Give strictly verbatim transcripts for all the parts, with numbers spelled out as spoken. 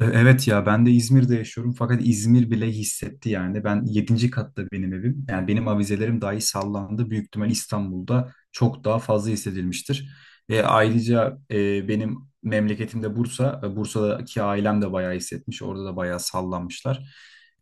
E, Evet ya ben de İzmir'de yaşıyorum fakat İzmir bile hissetti yani. Ben yedinci katta benim evim. Yani benim avizelerim dahi sallandı. Büyük ihtimal İstanbul'da çok daha fazla hissedilmiştir. E, ayrıca e, benim memleketimde Bursa. E, Bursa'daki ailem de bayağı hissetmiş. Orada da bayağı sallanmışlar.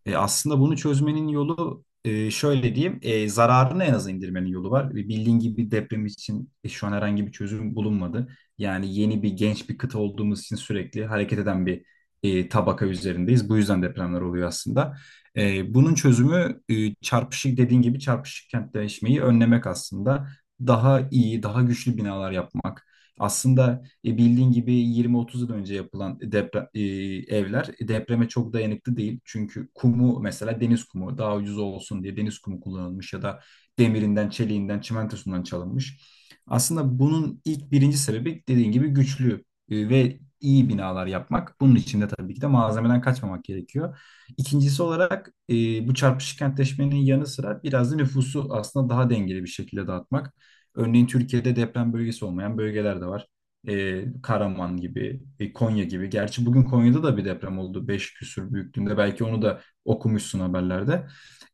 E, aslında bunu çözmenin yolu e, şöyle diyeyim. E, zararını en aza indirmenin yolu var. E, Bildiğin gibi deprem için e, şu an herhangi bir çözüm bulunmadı. Yani yeni bir genç bir kıta olduğumuz için sürekli hareket eden bir e, tabaka üzerindeyiz. Bu yüzden depremler oluyor aslında. E, bunun çözümü e, çarpışık dediğin gibi çarpışık kentleşmeyi önlemek aslında. Daha iyi, daha güçlü binalar yapmak. Aslında e, bildiğin gibi yirmi otuz yıl önce yapılan depre- e, evler depreme çok dayanıklı değil. Çünkü kumu mesela deniz kumu daha ucuz olsun diye deniz kumu kullanılmış ya da demirinden, çeliğinden, çimentosundan çalınmış. Aslında bunun ilk birinci sebebi dediğin gibi güçlü e, ve iyi binalar yapmak. Bunun için de tabii ki de malzemeden kaçmamak gerekiyor. İkincisi olarak e, bu çarpışık kentleşmenin yanı sıra biraz da nüfusu aslında daha dengeli bir şekilde dağıtmak. Örneğin Türkiye'de deprem bölgesi olmayan bölgeler de var. E, Karaman gibi, e, Konya gibi. Gerçi bugün Konya'da da bir deprem oldu. beş küsur büyüklüğünde. Belki onu da okumuşsun haberlerde.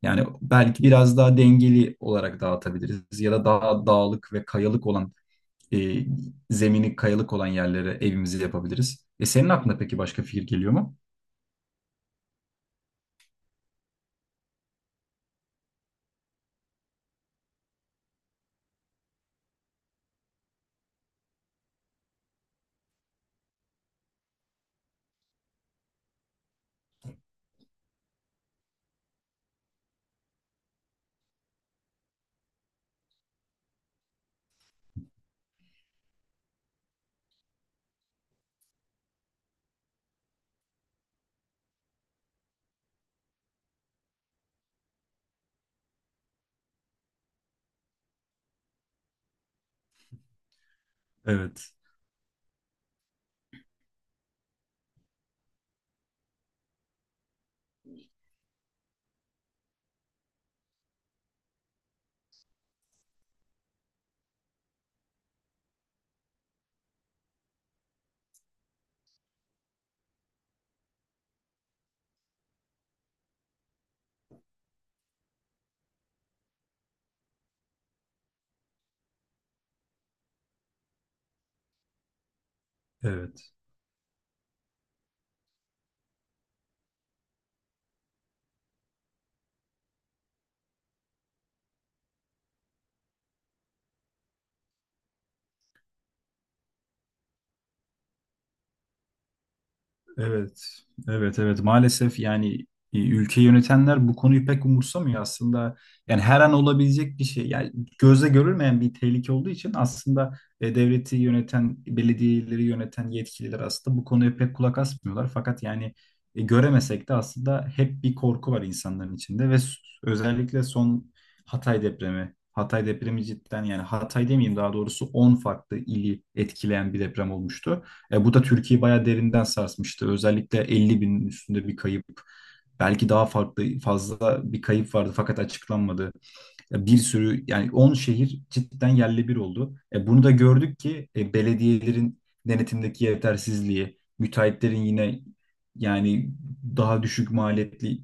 Yani belki biraz daha dengeli olarak dağıtabiliriz ya da daha dağlık ve kayalık olan e, zemini kayalık olan yerlere evimizi yapabiliriz. E, senin aklına peki başka fikir geliyor mu? Evet. Evet. Evet, evet, evet. Maalesef yani e, ülke yönetenler bu konuyu pek umursamıyor aslında. Yani her an olabilecek bir şey. Yani gözle görülmeyen bir tehlike olduğu için aslında e, devleti yöneten, belediyeleri yöneten yetkililer aslında bu konuya pek kulak asmıyorlar. Fakat yani e, göremesek de aslında hep bir korku var insanların içinde ve s- özellikle son Hatay depremi. Hatay depremi cidden yani Hatay demeyeyim daha doğrusu on farklı ili etkileyen bir deprem olmuştu. E, bu da Türkiye'yi bayağı derinden sarsmıştı. Özellikle elli binin üstünde bir kayıp. Belki daha farklı fazla bir kayıp vardı fakat açıklanmadı. E, bir sürü yani on şehir cidden yerle bir oldu. E, bunu da gördük ki e, belediyelerin denetimdeki yetersizliği, müteahhitlerin yine yani daha düşük maliyetli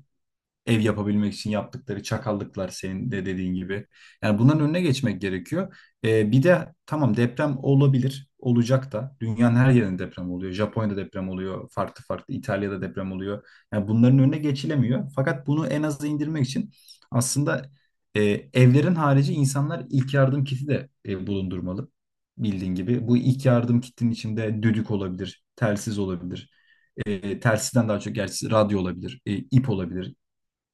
ev yapabilmek için yaptıkları çakallıklar senin de dediğin gibi. Yani bunların önüne geçmek gerekiyor. Ee, bir de tamam deprem olabilir, olacak da. Dünyanın her yerinde deprem oluyor. Japonya'da deprem oluyor, farklı farklı İtalya'da deprem oluyor. Yani bunların önüne geçilemiyor. Fakat bunu en aza indirmek için aslında e, evlerin harici insanlar ilk yardım kiti de e, bulundurmalı. Bildiğin gibi bu ilk yardım kitinin içinde düdük olabilir, telsiz olabilir, e, telsizden daha çok gerçi radyo olabilir, e, ip olabilir,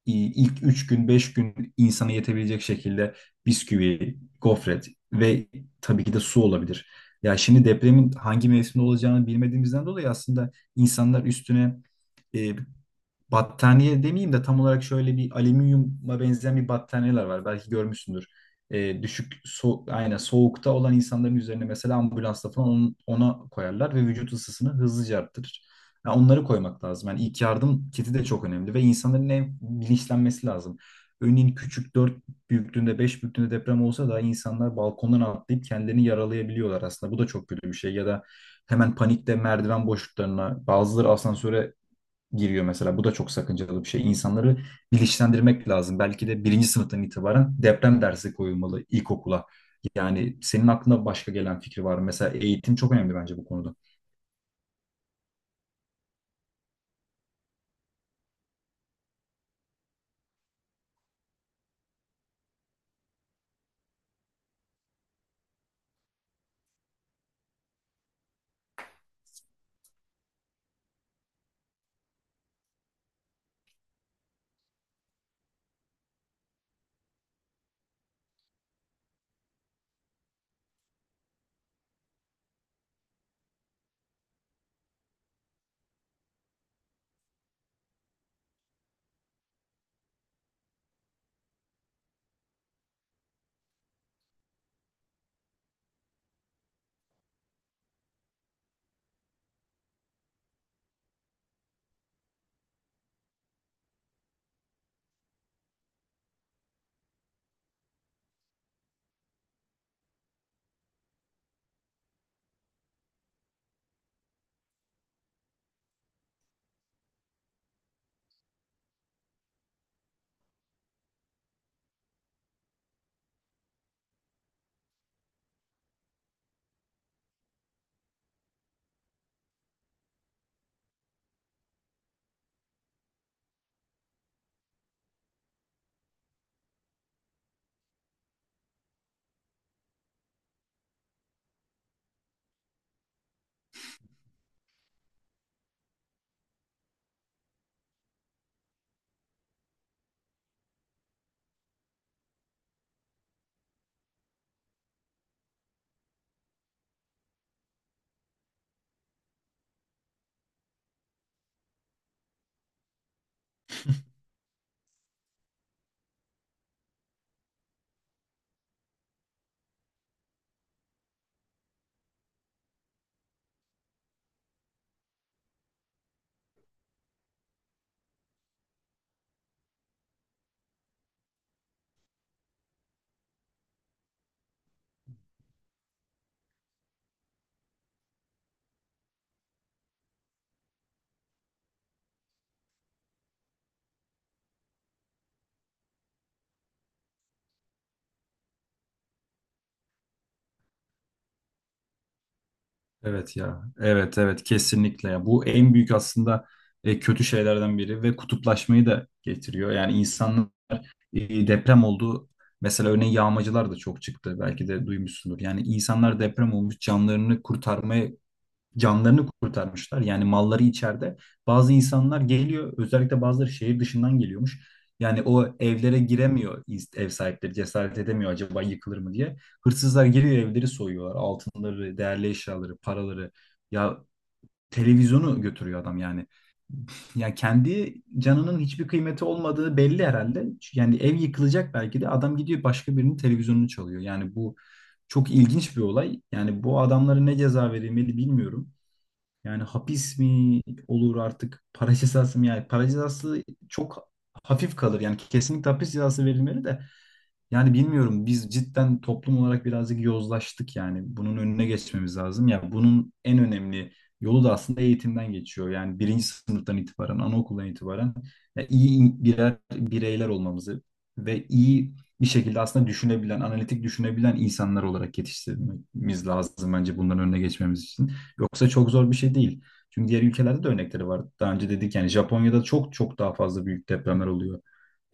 e, ilk üç gün beş gün insana yetebilecek şekilde bisküvi, gofret ve tabii ki de su olabilir. Ya şimdi depremin hangi mevsimde olacağını bilmediğimizden dolayı aslında insanlar üstüne e, battaniye demeyeyim de tam olarak şöyle bir alüminyuma benzeyen bir battaniyeler var. Belki görmüşsündür. Ee, düşük so aynen soğukta olan insanların üzerine mesela ambulansta falan onun- ona koyarlar ve vücut ısısını hızlıca arttırır. Yani onları koymak lazım. Yani ilk yardım kiti de çok önemli ve insanların en bilinçlenmesi lazım. Örneğin küçük dört büyüklüğünde beş büyüklüğünde deprem olsa da insanlar balkondan atlayıp kendilerini yaralayabiliyorlar aslında. Bu da çok kötü bir şey. Ya da hemen panikte merdiven boşluklarına bazıları asansöre giriyor mesela. Bu da çok sakıncalı bir şey. İnsanları bilinçlendirmek lazım. Belki de birinci sınıftan itibaren deprem dersi koyulmalı ilkokula. Yani senin aklına başka gelen fikri var mı? Mesela eğitim çok önemli bence bu konuda. Evet ya. Evet evet kesinlikle ya. Bu en büyük aslında e, kötü şeylerden biri ve kutuplaşmayı da getiriyor. Yani insanın e, deprem olduğu mesela örneğin yağmacılar da çok çıktı. Belki de duymuşsundur. Yani insanlar deprem olmuş canlarını kurtarmaya canlarını kurtarmışlar. Yani malları içeride. Bazı insanlar geliyor, özellikle bazıları şehir dışından geliyormuş. Yani o evlere giremiyor iz- ev sahipleri, cesaret edemiyor acaba yıkılır mı diye. Hırsızlar giriyor evleri soyuyorlar. Altınları, değerli eşyaları, paraları. Ya televizyonu götürüyor adam yani. Ya kendi canının hiçbir kıymeti olmadığı belli herhalde. Yani ev yıkılacak belki de adam gidiyor başka birinin televizyonunu çalıyor. Yani bu çok ilginç bir olay. Yani bu adamlara ne ceza verilmeli bilmiyorum. Yani hapis mi olur artık para cezası mı? Yani para cezası çok hafif kalır. Yani kesinlikle hapis cezası verilmeli de. Yani bilmiyorum biz cidden toplum olarak birazcık yozlaştık yani. Bunun önüne geçmemiz lazım. Ya bunun en önemli yolu da aslında eğitimden geçiyor. Yani birinci sınıftan itibaren, anaokuldan itibaren ya iyi birer bireyler olmamızı ve iyi bir şekilde aslında düşünebilen, analitik düşünebilen insanlar olarak yetiştirmemiz lazım bence bunların önüne geçmemiz için. Yoksa çok zor bir şey değil. Çünkü diğer ülkelerde de örnekleri var. Daha önce dedik yani Japonya'da çok çok daha fazla büyük depremler oluyor.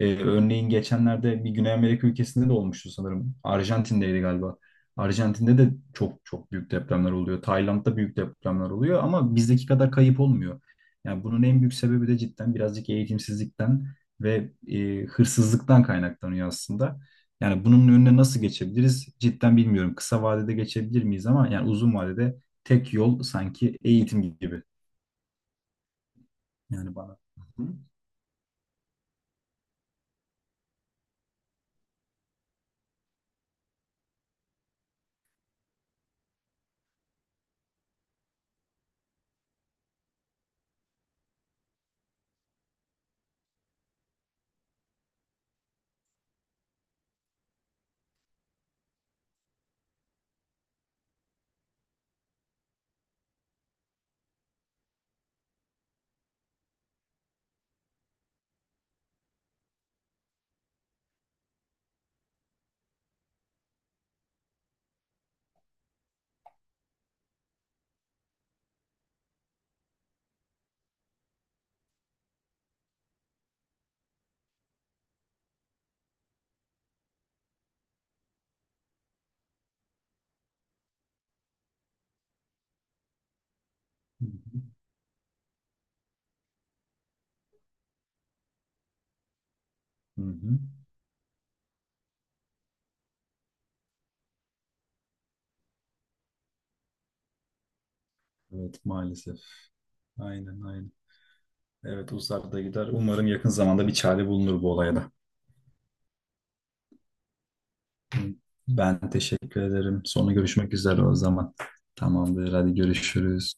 Ee, örneğin geçenlerde bir Güney Amerika ülkesinde de olmuştu sanırım. Arjantin'deydi galiba. Arjantin'de de çok çok büyük depremler oluyor. Tayland'da büyük depremler oluyor ama bizdeki kadar kayıp olmuyor. Yani bunun en büyük sebebi de cidden birazcık eğitimsizlikten ve e, hırsızlıktan kaynaklanıyor aslında. Yani bunun önüne nasıl geçebiliriz? Cidden bilmiyorum. Kısa vadede geçebilir miyiz ama yani uzun vadede tek yol sanki eğitim gibi. Yani bana. Hı hı. Hı hı. Evet maalesef. Aynen aynen. Evet uzakta gider. Umarım yakın zamanda bir çare bulunur bu olaya da. Hı. Ben teşekkür ederim. Sonra görüşmek üzere o zaman. Tamamdır. Hadi görüşürüz.